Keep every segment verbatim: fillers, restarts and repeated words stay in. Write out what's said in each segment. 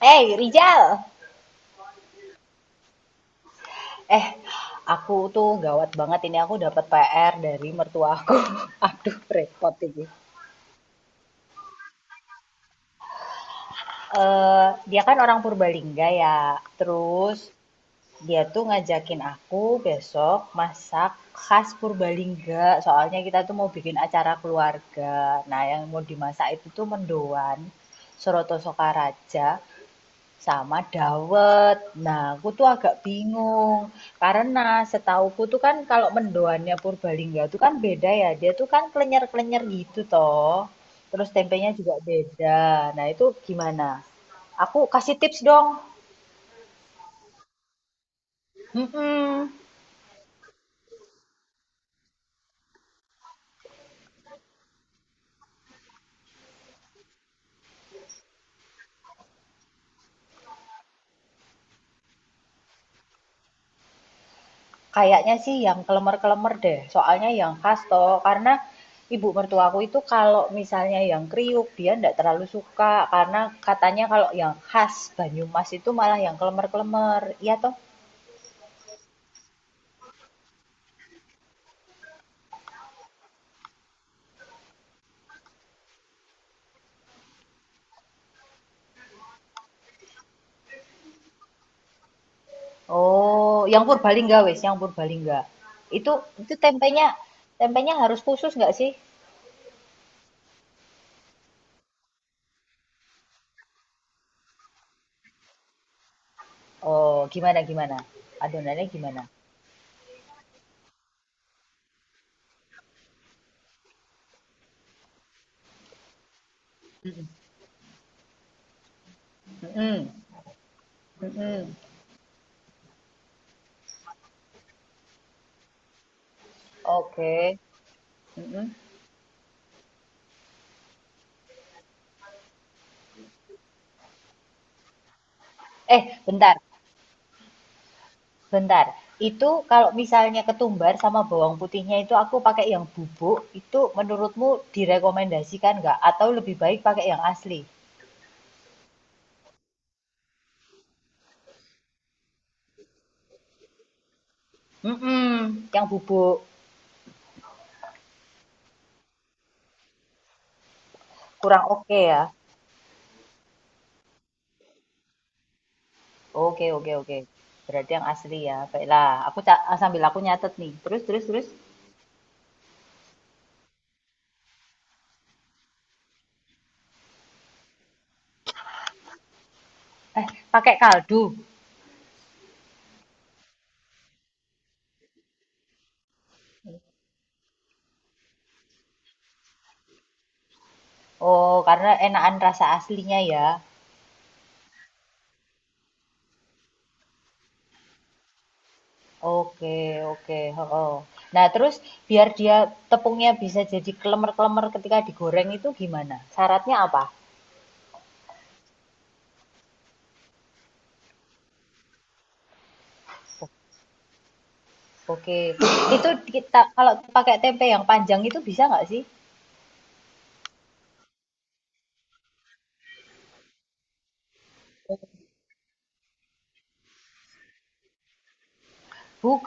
Hey Rizal. eh aku tuh gawat banget ini aku dapat P R dari mertua aku. Aduh repot ini. Eh, dia kan orang Purbalingga ya, terus dia tuh ngajakin aku besok masak khas Purbalingga. Soalnya kita tuh mau bikin acara keluarga. Nah, yang mau dimasak itu tuh mendoan, Soroto Sokaraja, sama dawet. Nah, aku tuh agak bingung, karena setauku tuh kan kalau mendoannya Purbalingga tuh kan beda ya, dia tuh kan klenyer-klenyer gitu toh. Terus tempenya juga beda. Nah, itu gimana? Aku kasih tips dong. Mhm. Kayaknya sih yang kelemer-kelemer deh, soalnya yang khas toh. Karena ibu mertuaku itu kalau misalnya yang kriuk dia ndak terlalu suka, karena katanya kalau yang khas Banyumas itu malah yang kelemer-kelemer. Iya toh? Oh, yang Purbalingga wes, yang Purbalingga. Itu itu tempenya tempenya harus khusus nggak sih? Oh, gimana gimana? Adonannya gimana? Mm-mm. Mm-mm. Mm-mm. Oke. Mm-mm. Eh, bentar, bentar. Itu kalau misalnya ketumbar sama bawang putihnya itu aku pakai yang bubuk, itu menurutmu direkomendasikan nggak? Atau lebih baik pakai yang asli? Mm-mm. Yang bubuk kurang oke ya? Oke oke oke. Berarti yang asli ya. Baiklah, aku ca- sambil aku nyatet nih. Terus terus terus. Eh, pakai kaldu. Oh, karena enakan rasa aslinya ya. Oke oke. Oh. Nah, terus biar dia tepungnya bisa jadi kelemer-kelemer ketika digoreng itu gimana? Syaratnya apa? Oke. Itu kita kalau pakai tempe yang panjang itu bisa nggak sih? Buk,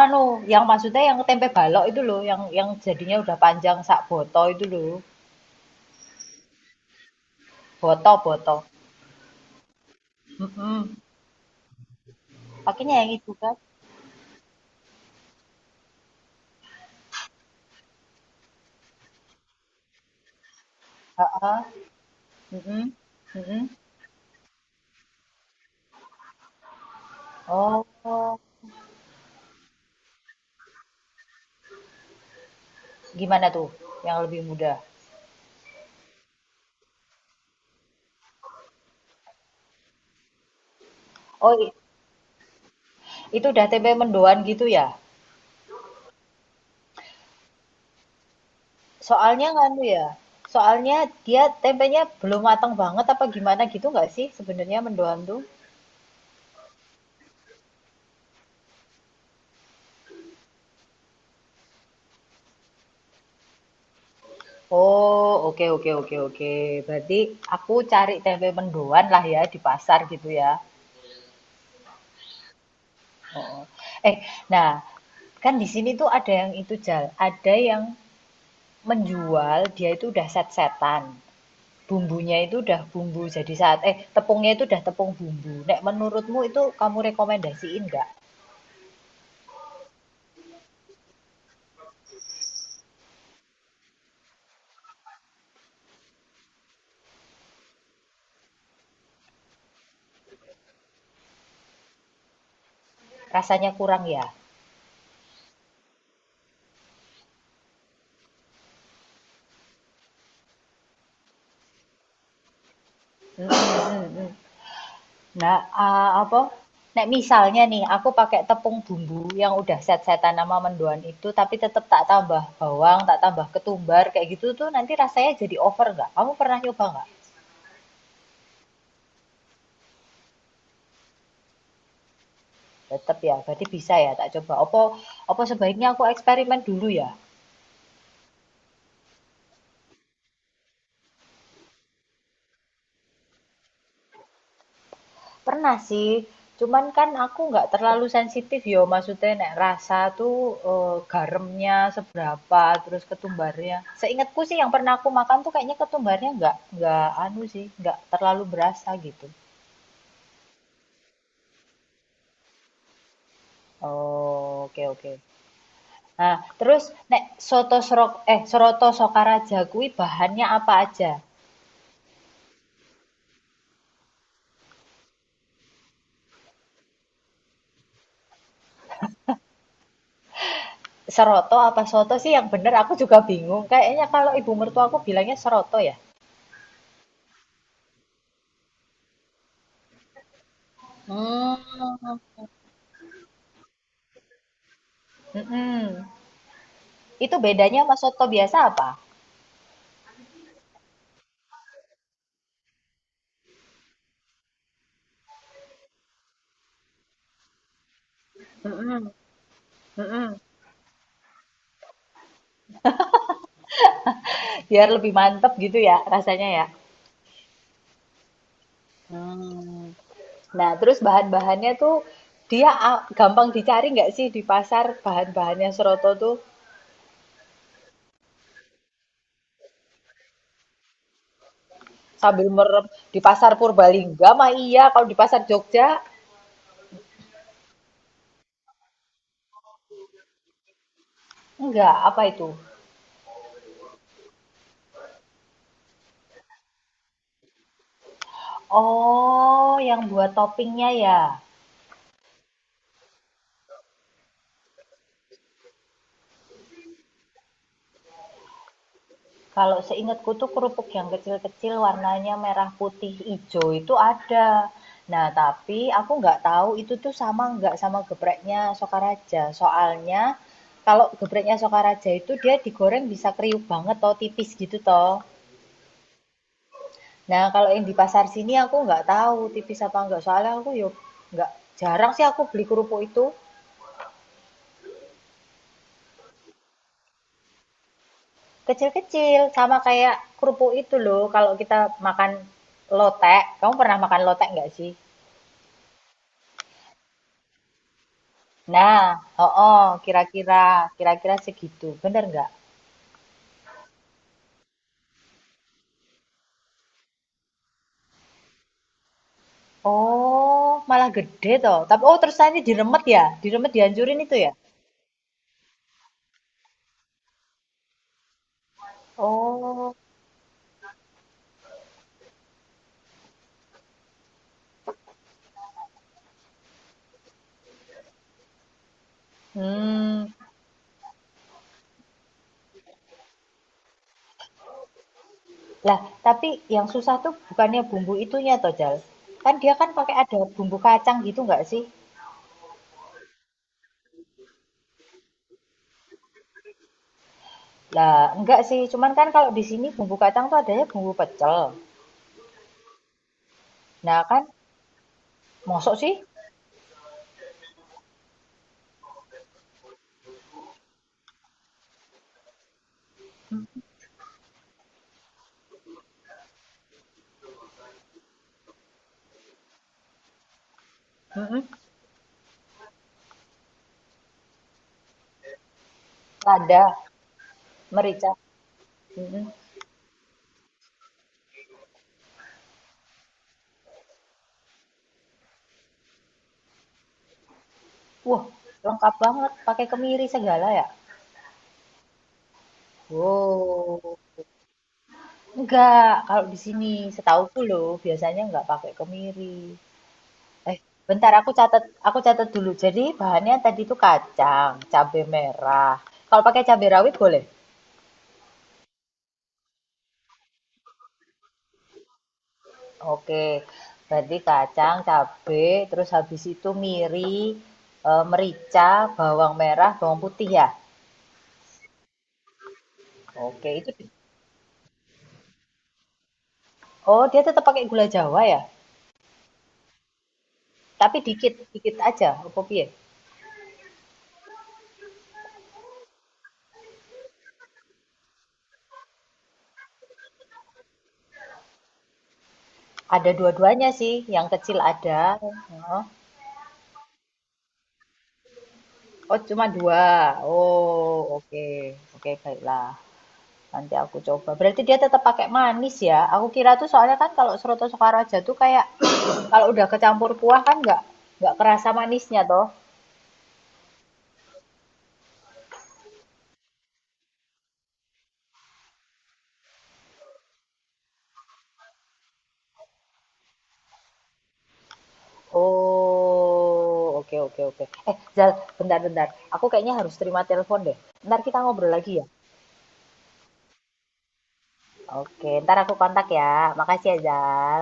anu, yang maksudnya yang tempe balok itu loh, yang yang jadinya udah panjang sak boto itu loh. Boto, boto. Mhm. Pakainya yang itu kan? Heeh. Mhm. Mhm. Oh. Gimana tuh yang lebih mudah? Oh, i- itu udah tempe mendoan gitu ya? Soalnya nganu ya. Soalnya dia tempenya belum matang banget apa gimana gitu nggak sih sebenarnya mendoan tuh? Oh, oke oke oke oke. Berarti aku cari tempe mendoan lah ya di pasar gitu ya. Eh, nah, kan di sini tuh ada yang itu Jal, ada yang menjual dia itu udah set-setan. Bumbunya itu udah bumbu jadi saat eh tepungnya itu udah tepung bumbu. Nek menurutmu itu kamu rekomendasiin nggak? Rasanya kurang ya? Mm, mm, mm. Nah, ah, apa? Nek misalnya nih aku pakai tepung bumbu yang udah set-setan nama mendoan itu tapi tetap tak tambah bawang, tak tambah ketumbar kayak gitu tuh nanti rasanya jadi over nggak? Kamu pernah nyoba nggak? Tetap ya, berarti bisa ya tak coba. Apa apa sebaiknya aku eksperimen dulu ya? Pernah sih, cuman kan aku nggak terlalu sensitif yo, maksudnya nek rasa tuh eh, garamnya seberapa, terus ketumbarnya. Seingatku sih yang pernah aku makan tuh kayaknya ketumbarnya nggak nggak anu sih, nggak terlalu berasa gitu. Oh, oke oke. Nah, terus nek soto serok eh seroto Sokaraja kui bahannya apa aja? Seroto apa soto sih yang bener aku juga bingung. Kayaknya kalau ibu mertua aku bilangnya seroto ya. Hmm. Mm-mm. Itu bedanya sama soto biasa apa? Mm-mm. Mm-mm. Biar lebih mantep gitu ya rasanya ya. Hmm. Nah, terus bahan-bahannya tuh dia a- gampang dicari nggak sih di pasar bahan-bahannya soto tuh sambil merem di pasar Purbalingga mah iya, kalau di pasar Jogja enggak, apa itu? Oh, yang buat toppingnya ya. Kalau seingatku tuh kerupuk yang kecil-kecil warnanya merah, putih, hijau itu ada. Nah, tapi aku nggak tahu itu tuh sama nggak sama gepreknya Sokaraja. Soalnya kalau gepreknya Sokaraja itu dia digoreng bisa kriuk banget toh, tipis gitu toh. Nah, kalau yang di pasar sini aku nggak tahu tipis apa nggak. Soalnya aku yuk nggak jarang sih aku beli kerupuk itu kecil-kecil sama kayak kerupuk itu loh. Kalau kita makan lotek, kamu pernah makan lotek nggak sih? Nah, oh, oh, kira-kira, kira-kira segitu. Bener nggak? Oh, malah gede toh. Tapi oh terus ini diremet ya? Diremet dihancurin itu ya? Oh, hmm. Lah, tapi yang susah tuh bukannya bumbu itunya toh, Jal. Kan dia kan pakai ada bumbu kacang gitu nggak sih? Lah, enggak sih. Cuman kan kalau di sini bumbu kacang tuh adanya bumbu pecel. Nah, kan mosok sih? Mm-mm. Lada, merica. Mm-mm. Wah, lengkap banget. Pakai kemiri segala ya? Oh, enggak. Kalau di sini setauku loh, biasanya enggak pakai kemiri. Eh, bentar aku catat, aku catat dulu. Jadi bahannya tadi itu kacang, cabai merah. Kalau pakai cabai rawit boleh? Oke. Berarti kacang, cabai, terus habis itu miri, eh, merica, bawang merah, bawang putih ya. Oke, itu. di- Oh, dia tetap pakai gula Jawa ya? Tapi dikit, dikit aja, apa piye? Ada dua-duanya sih, yang kecil ada. Heeh. Oh, cuma dua. Oh, oke. Oke, baiklah. Nanti aku coba. Berarti dia tetap pakai manis ya? Aku kira tuh soalnya kan kalau Soto Sokaraja tuh kayak kalau udah kecampur kuah kan nggak nggak kerasa manisnya toh. Oh, oke oke oke. Eh, Zal, bentar bentar. Aku kayaknya harus terima telepon deh. Ntar kita ngobrol lagi ya. Oke, ntar aku kontak ya. Makasih ya, Zal.